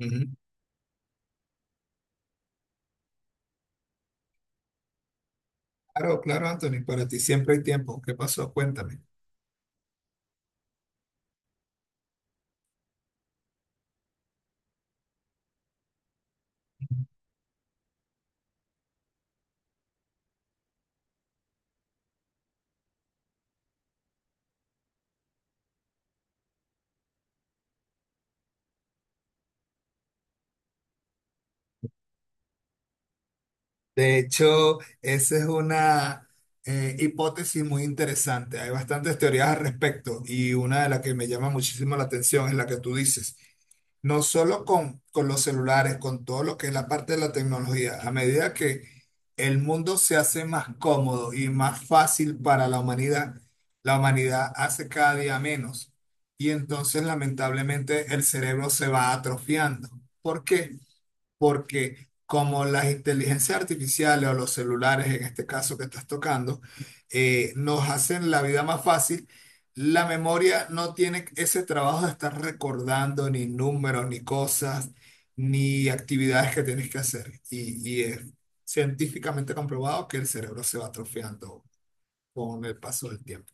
Ujú. Claro, claro, Anthony, para ti siempre hay tiempo. ¿Qué pasó? Cuéntame. De hecho, esa es una hipótesis muy interesante. Hay bastantes teorías al respecto y una de las que me llama muchísimo la atención es la que tú dices. No solo con los celulares, con todo lo que es la parte de la tecnología. A medida que el mundo se hace más cómodo y más fácil para la humanidad hace cada día menos. Y entonces, lamentablemente, el cerebro se va atrofiando. ¿Por qué? Porque como las inteligencias artificiales o los celulares, en este caso que estás tocando, nos hacen la vida más fácil, la memoria no tiene ese trabajo de estar recordando ni números, ni cosas, ni actividades que tienes que hacer. Y es científicamente comprobado que el cerebro se va atrofiando con el paso del tiempo.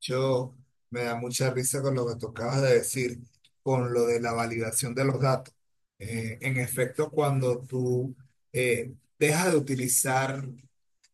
Yo me da mucha risa con lo que tú acabas de decir, con lo de la validación de los datos. En efecto, cuando tú dejas de utilizar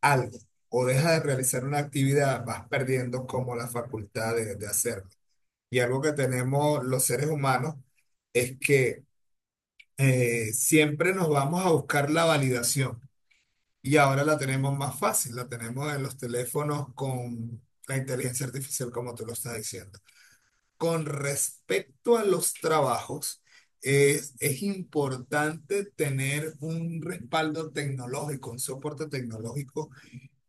algo o dejas de realizar una actividad, vas perdiendo como la facultad de hacerlo. Y algo que tenemos los seres humanos es que siempre nos vamos a buscar la validación y ahora la tenemos más fácil, la tenemos en los teléfonos con la inteligencia artificial, como tú lo estás diciendo. Con respecto a los trabajos, es importante tener un respaldo tecnológico, un soporte tecnológico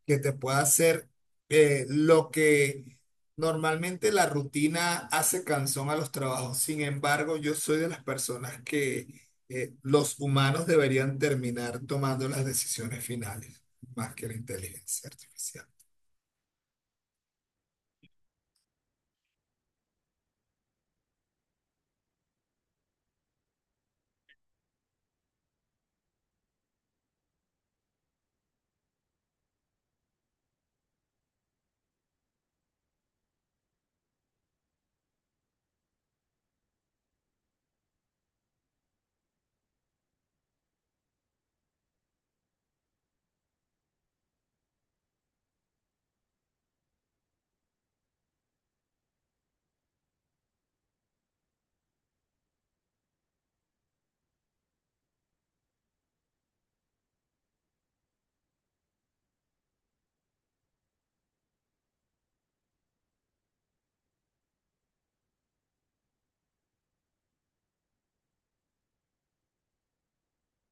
que te pueda hacer lo que normalmente la rutina hace cansón a los trabajos. Sin embargo, yo soy de las personas que los humanos deberían terminar tomando las decisiones finales, más que la inteligencia artificial.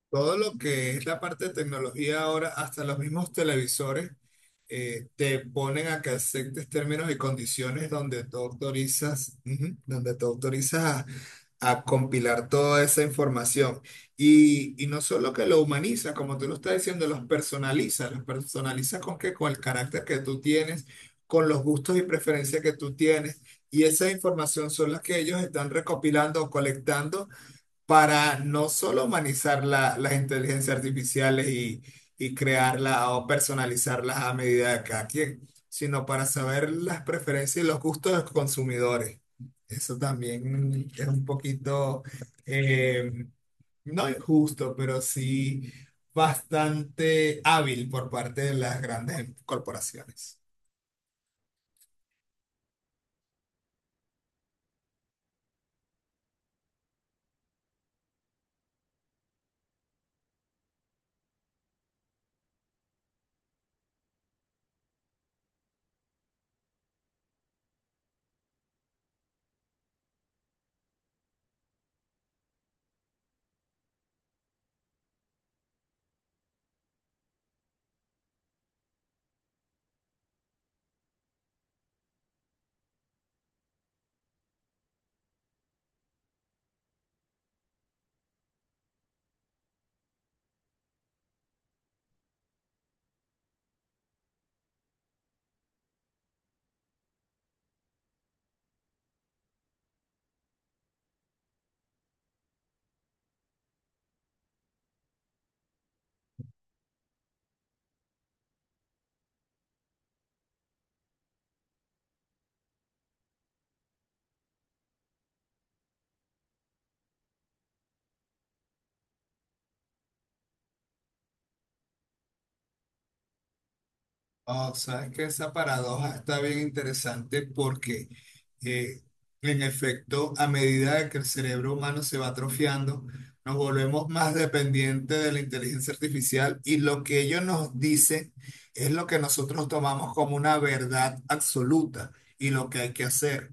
Todo lo que es la parte de tecnología ahora, hasta los mismos televisores te ponen a que aceptes términos y condiciones donde tú autorizas, ujú, donde tú autorizas a compilar toda esa información. Y no solo que lo humaniza, como tú lo estás diciendo, los personaliza con qué, con el carácter que tú tienes, con los gustos y preferencias que tú tienes. Y esa información son las que ellos están recopilando o colectando para no solo humanizar la- las inteligencias artificiales y crearlas o personalizarlas a medida de cada quien, sino para saber las preferencias y los gustos de los consumidores. Eso también es un poquito, eh, no injusto, pero sí bastante hábil por parte de las grandes corporaciones. Oh, sabes que esa paradoja está bien interesante porque, eh, en efecto, a medida de que el cerebro humano se va atrofiando, nos volvemos más dependientes de la inteligencia artificial y lo que ellos nos dicen es lo que nosotros tomamos como una verdad absoluta y lo que hay que hacer.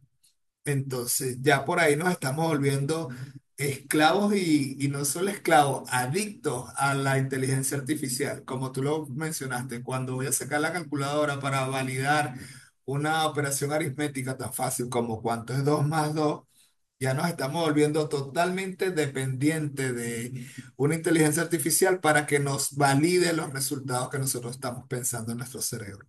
Entonces, ya por ahí nos estamos volviendo esclavos y no solo esclavos, adictos a la inteligencia artificial. Como tú lo mencionaste, cuando voy a sacar la calculadora para validar una operación aritmética tan fácil como cuánto es 2 más 2, ya nos estamos volviendo totalmente dependientes de una inteligencia artificial para que nos valide los resultados que nosotros estamos pensando en nuestro cerebro.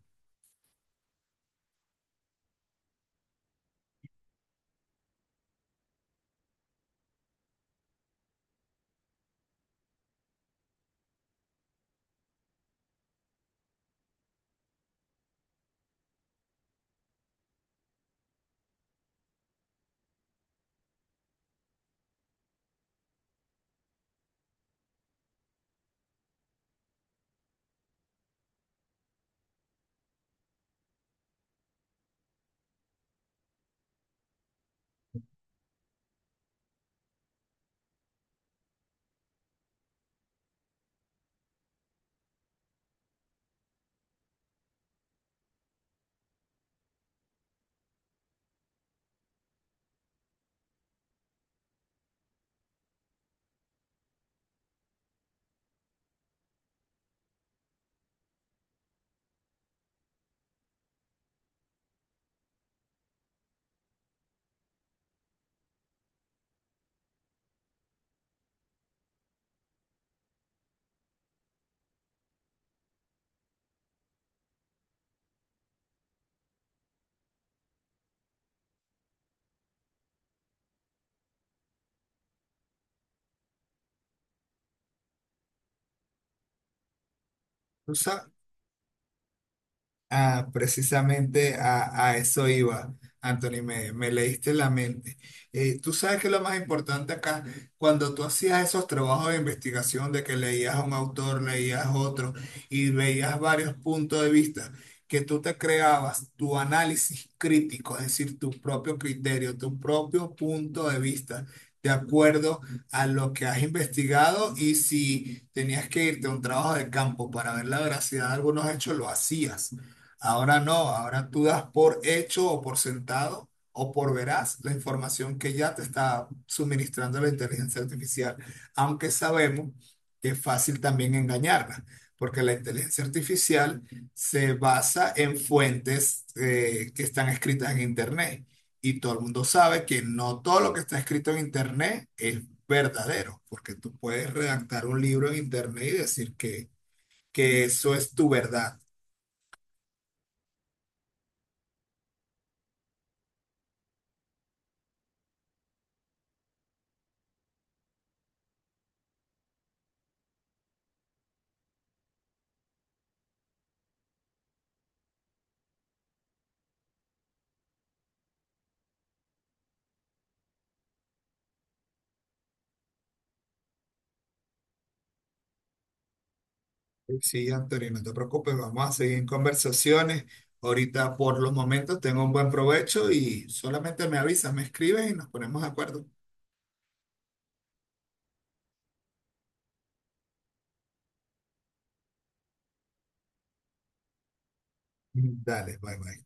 Tú sa- Ah, precisamente a eso iba, Anthony, me leíste la mente. Tú sabes que lo más importante acá, cuando tú hacías esos trabajos de investigación, de que leías a un autor, leías otro y veías varios puntos de vista, que tú te creabas tu análisis crítico, es decir, tu propio criterio, tu propio punto de vista, de acuerdo a lo que has investigado y si tenías que irte a un trabajo de campo para ver la veracidad de algunos hechos, lo hacías. Ahora no, ahora tú das por hecho o por sentado o por veraz la información que ya te está suministrando la inteligencia artificial, aunque sabemos que es fácil también engañarla, porque la inteligencia artificial se basa en fuentes que están escritas en Internet y todo el mundo sabe que no todo lo que está escrito en Internet es verdadero, porque tú puedes redactar un libro en Internet y decir que eso es tu verdad. Sí, Antonio, no te preocupes, vamos a seguir en conversaciones. Ahorita por los momentos tengo un buen provecho y solamente me avisas, me escribes y nos ponemos de acuerdo. Dale, bye bye.